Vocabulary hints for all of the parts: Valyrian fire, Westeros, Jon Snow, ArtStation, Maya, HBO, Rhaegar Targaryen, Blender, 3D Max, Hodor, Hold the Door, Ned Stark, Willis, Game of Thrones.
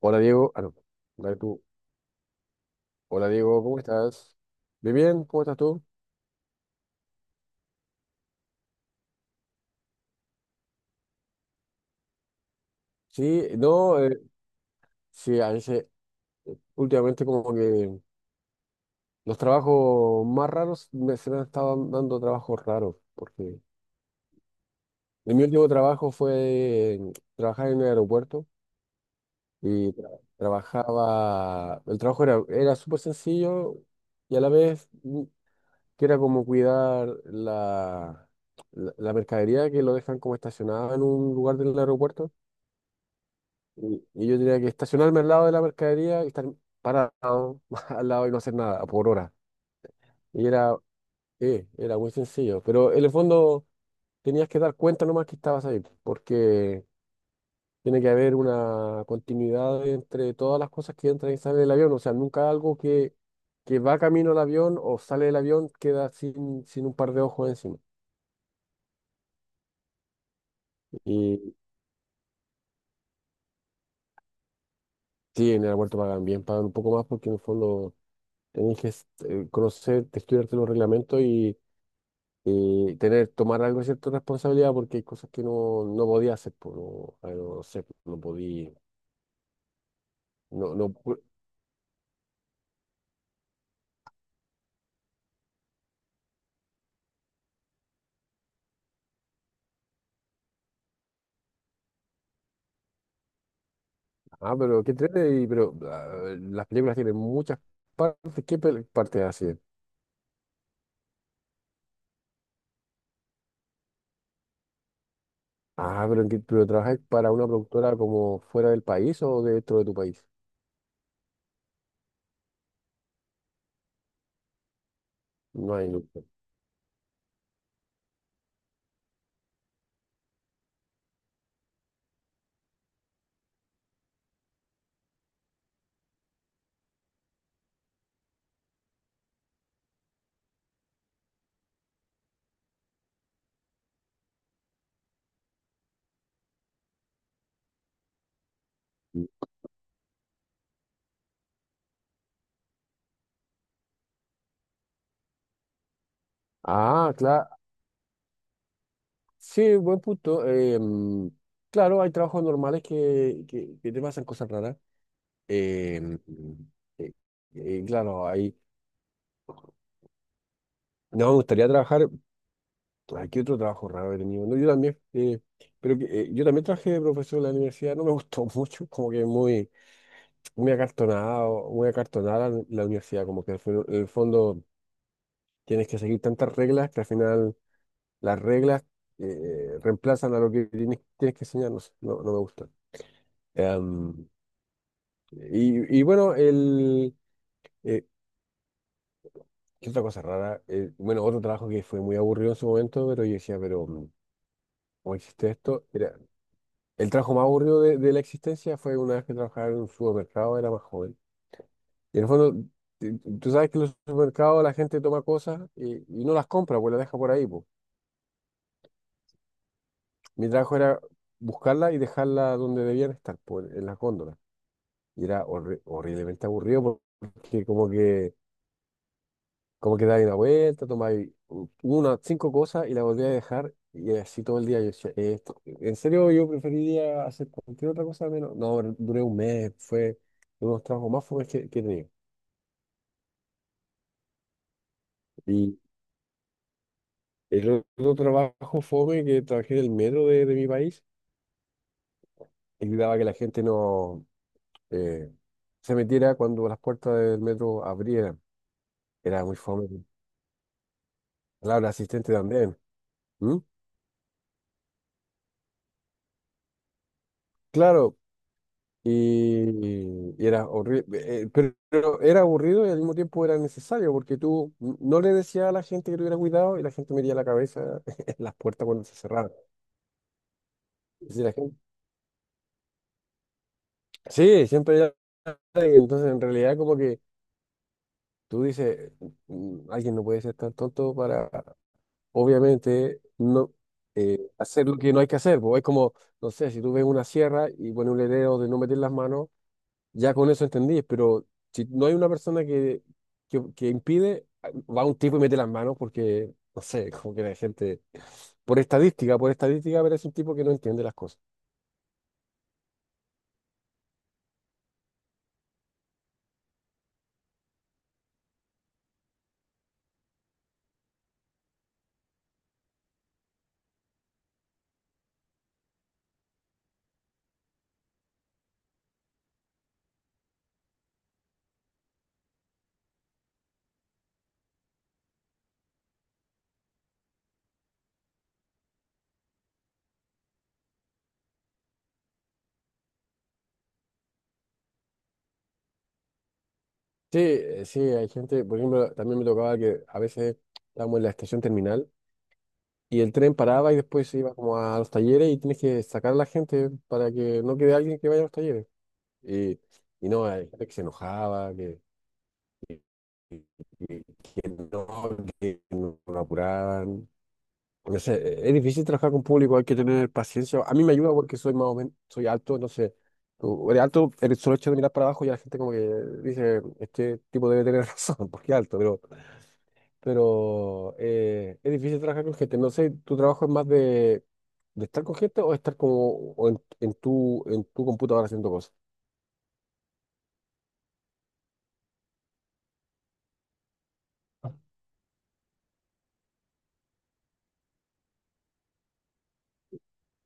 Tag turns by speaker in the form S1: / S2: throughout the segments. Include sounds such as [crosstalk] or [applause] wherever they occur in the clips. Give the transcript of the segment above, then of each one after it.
S1: Hola Diego, ah no, dale tú. Hola Diego, ¿cómo estás? Bien, bien, ¿cómo estás tú? Sí, no, sí, a veces últimamente como que los trabajos más raros se me han estado dando trabajos raros, porque en mi último trabajo fue trabajar en el aeropuerto y trabajaba. El trabajo era súper sencillo y a la vez que era como cuidar la mercadería que lo dejan como estacionada en un lugar del aeropuerto. Y yo diría que estacionarme al lado de la mercadería y estar parado [laughs] al lado y no hacer nada por hora. Y era muy sencillo. Pero en el fondo tenías que dar cuenta nomás que estabas ahí, porque tiene que haber una continuidad entre todas las cosas que entran y salen del avión. O sea, nunca algo que va camino al avión o sale del avión queda sin un par de ojos encima. Y sí, en el aeropuerto pagan bien, pagan un poco más porque en el fondo tenés que conocer, estudiarte los reglamentos y tener, tomar algo de cierta responsabilidad porque hay cosas que no podía hacer, pues, no, no sé, pues, no podía, no. ah, pero qué entrete, y- pero ah, Las películas tienen muchas partes. Partes hacen? Ah, pero, pero trabajas para una productora como fuera del país o dentro de tu país? No hay nunca. Ah, claro, sí, buen punto. Claro, hay trabajos normales que te pasan cosas raras. eh, mm, eh, claro, hay. No, me gustaría trabajar. Ay, ¿qué otro trabajo raro he tenido? No, yo también. Yo también trabajé de profesor en la universidad. No me gustó [laughs] mucho. Como que muy, muy acartonado, muy acartonada la universidad. Como que en el fondo tienes que seguir tantas reglas que al final las reglas reemplazan a lo que tienes que enseñar. No sé, no me gusta. Em, y bueno, eh, ¿qué otra cosa rara? Bueno, otro trabajo que fue muy aburrido en su momento, pero yo decía. ¿Cómo existe esto? El trabajo más aburrido de la existencia fue una vez que trabajaba en un supermercado, era más joven. Y en el fondo, tú sabes que en los supermercados la gente toma cosas y no las compra, pues las deja por ahí, pues. Mi trabajo era buscarlas y dejarlas donde debían estar, pues, en las góndolas. Y era horriblemente aburrido porque como que dais una vuelta, tomáis unas cinco cosas y la volví a dejar y así todo el día. Yo decía, esto, en serio yo preferiría hacer cualquier otra cosa menos. No, duré un mes, fue uno de los trabajos más fomes que he tenido. Y el otro trabajo fome que trabajé en el metro de mi país, evitaba que la gente no eh, se metiera cuando las puertas del metro abrieran. Era muy fome. Claro, asistente también. ¿Mm? Claro. Y era horrible, pero era aburrido y al mismo tiempo era necesario porque tú no le decías a la gente que tuviera cuidado y la gente metía la cabeza [laughs] en las puertas cuando se cerraban. Es decir, sí, y entonces, en realidad, como que tú dices: "Mm, Alguien no puede ser tan tonto para, obviamente, no hacer lo que no hay que hacer". Pues es como, no sé, si tú ves una sierra y pones un letrero de no meter las manos, ya con eso entendí, pero si no hay una persona que impide, va un tipo y mete las manos porque, no sé, [laughs] como que la gente, por estadística, pero es un tipo que no entiende las cosas. Sí, sí, hay gente, por ejemplo, también me tocaba que a veces estábamos en la estación terminal y el tren paraba y después se iba como a los talleres y tienes que sacar a la gente para que no quede alguien que vaya a los talleres. Y, y no, hay gente que se enojaba, que no lo apuraban. No sé, es difícil trabajar con público, hay que tener paciencia. A mí me ayuda porque soy más o menos, soy alto, no sé. Tú eres alto, el solo hecho de mirar para abajo ya la gente como que dice, este tipo debe tener [laughs] razón, porque es alto, pero es difícil trabajar con gente. No sé, ¿tu trabajo es más de estar con gente o estar como o en tu computadora haciendo cosas?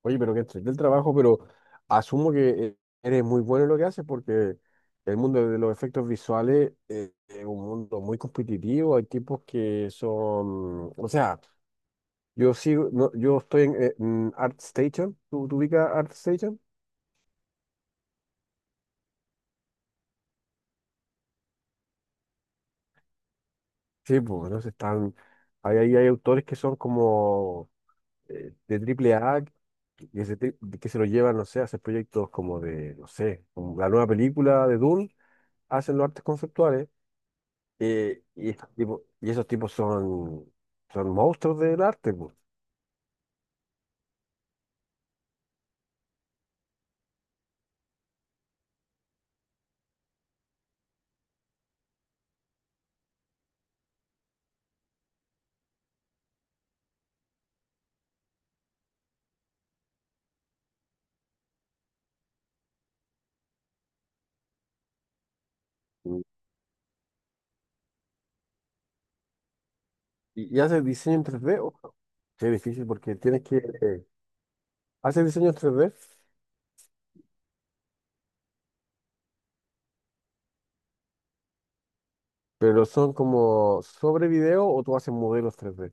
S1: Oye, pero que entregué el trabajo, pero asumo que eh, eres muy bueno en lo que haces porque el mundo de los efectos visuales es un mundo muy competitivo. Hay tipos que son, o sea, yo sigo, no, yo estoy en ArtStation. ¿Tú, tú ubicas ArtStation? Sí, pues, no sé, están, hay autores que son como de triple A que se, te- que se lo llevan, no. Y, estos tipos, y esos tipos son monstruos del arte, pues. Y hace diseño en tres d ojo, sí, es difícil porque tienes que hacer diseño en 3D, pero son como sobre video o tú haces modelos tres d.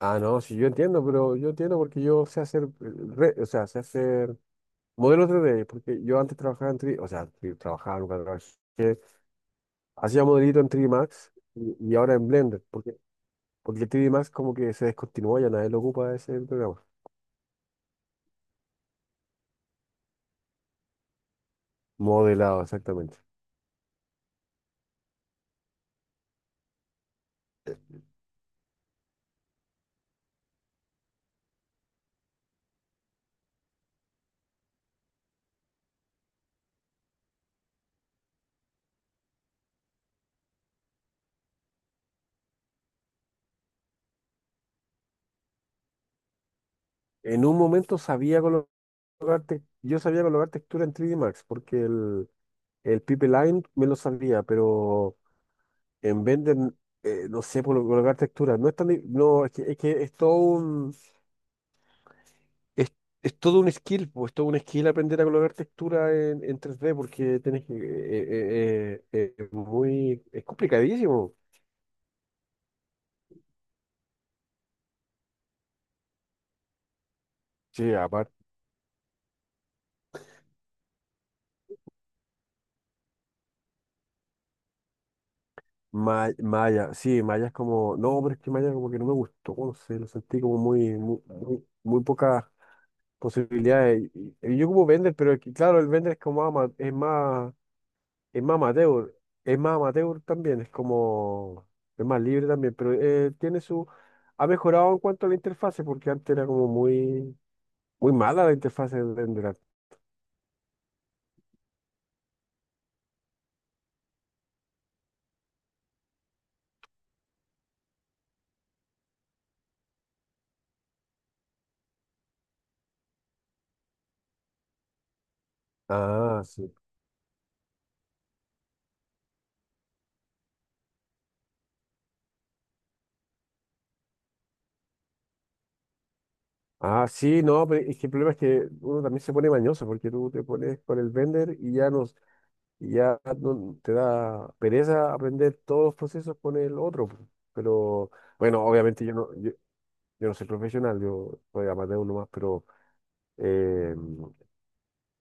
S1: Ah, no, sí, yo entiendo, pero yo entiendo porque yo sé hacer, o sea, sé hacer modelos tres d porque yo antes trabajaba en 3D, o sea, sí, trabajaba, nunca trabajé, hacía modelito en 3D Max y ahora en Blender, porque, porque 3D Max como que se descontinuó, ya nadie lo ocupa ese programa. Modelado, exactamente. En un momento sabía colocar, yo sabía colocar textura en 3D Max porque el Pipeline me lo sabía, pero en Blender, no sé por colocar textura. No es tan, no, es que, es que es, es todo un skill, pues, es todo un skill aprender a colocar textura en 3D porque tenés que, es muy, es complicadísimo. Sí, Maya, sí, Maya es como, no, pero es que Maya como que no me gustó, no sé, lo sentí como muy, muy, muy, muy pocas posibilidades. Y yo como vender, pero es que, claro, el vender es como es más amateur, es más amateur también, es como, es más libre también, pero tiene su, ha mejorado en cuanto a la interfase, porque antes era como muy, muy mala la interfase de vender. Ah, sí. Ah, sí, no, pero es que el problema es que uno también se pone mañoso porque tú te pones con el vender y ya no, te da pereza aprender todos los procesos con el otro, po. Pero bueno, obviamente yo no, yo no soy profesional, yo soy amateur nomás, pero eh,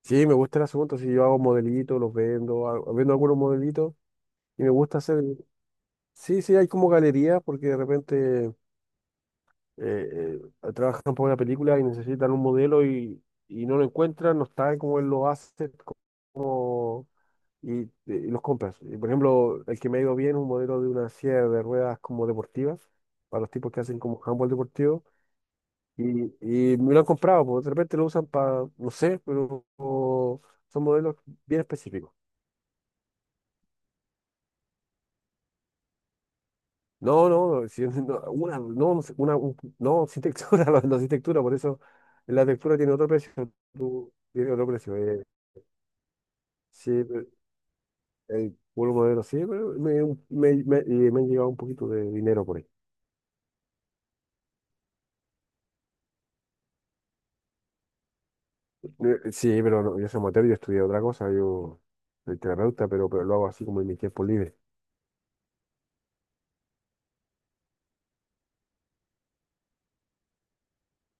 S1: sí, me gusta el asunto. Si yo hago modelitos, los vendo, vendo algunos modelitos y me gusta hacer. Sí, sí, hay como galerías porque de repente trabajan por una película y necesitan un modelo y no lo encuentran, no saben cómo él lo hace. Y, y los compras. Y, por ejemplo, el que me ha ido bien es un modelo de una silla de ruedas como deportivas, para los tipos que hacen como handball deportivo. Y, y me lo han comprado, porque de repente lo usan para, no sé, pero son modelos bien específicos. No, no, no, [laughs] no, una, no, no sé, una, no, sin textura, [laughs] no, no, sin textura, por eso la textura tiene otro precio, tiene otro precio. Sí, pero, por un modelo, sí, pero y me han llegado un poquito de dinero por ahí. Sí, pero no, yo soy amateur, yo estudié otra cosa, yo soy terapeuta, pero lo hago así como en mi tiempo libre.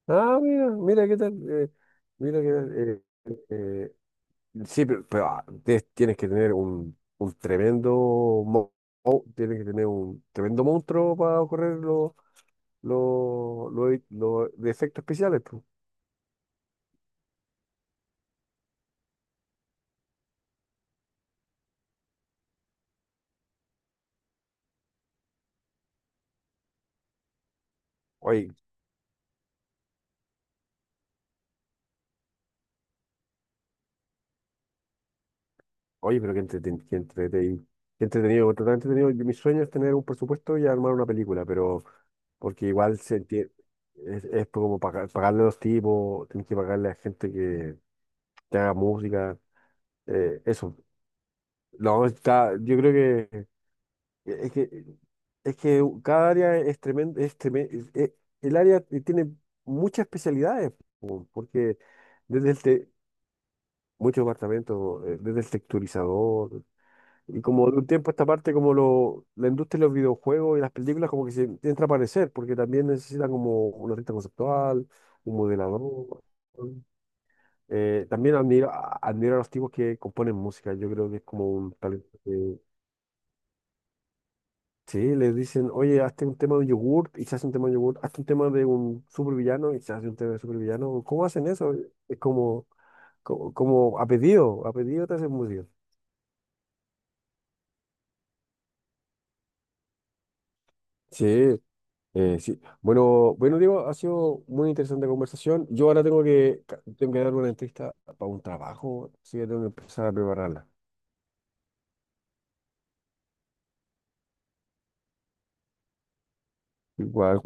S1: Ah, mira, mira qué tal, mira qué tal. Eh, sí, pero, ah, tienes que tener un tremendo, mo- tienes que tener un tremendo monstruo para correr los de efectos especiales, pues. Oye, Oye, pero qué entretenido, entretenido. Yo... Mi sueño es tener un presupuesto y armar una película, pero porque es como pagarle a los tipos, tienes que pagarle a gente que haga música, eso. No, está, yo creo que es que es que cada área es tremendo, es el área tiene muchas especialidades, po, porque desde el te- muchos departamentos, desde el texturizador. Y como de un tiempo a esta parte, como lo, la industria de los videojuegos y las películas como que se entra a aparecer, porque también necesita como un artista conceptual, un modelador. También admiro, admiro a los tipos que componen música. Yo creo que es como un talento que... Sí, les dicen, oye, hazte un tema de un yogurt y se hace un tema de yogurt, hazte un tema de un supervillano y se hace un tema de supervillano. ¿Cómo hacen eso? Es como, como, como a pedido te hacen música. Sí, sí. Bueno, bueno, Diego, ha sido muy interesante conversación. Yo ahora tengo que, tengo que dar una entrevista para un trabajo, así que tengo que empezar a prepararla. Igual,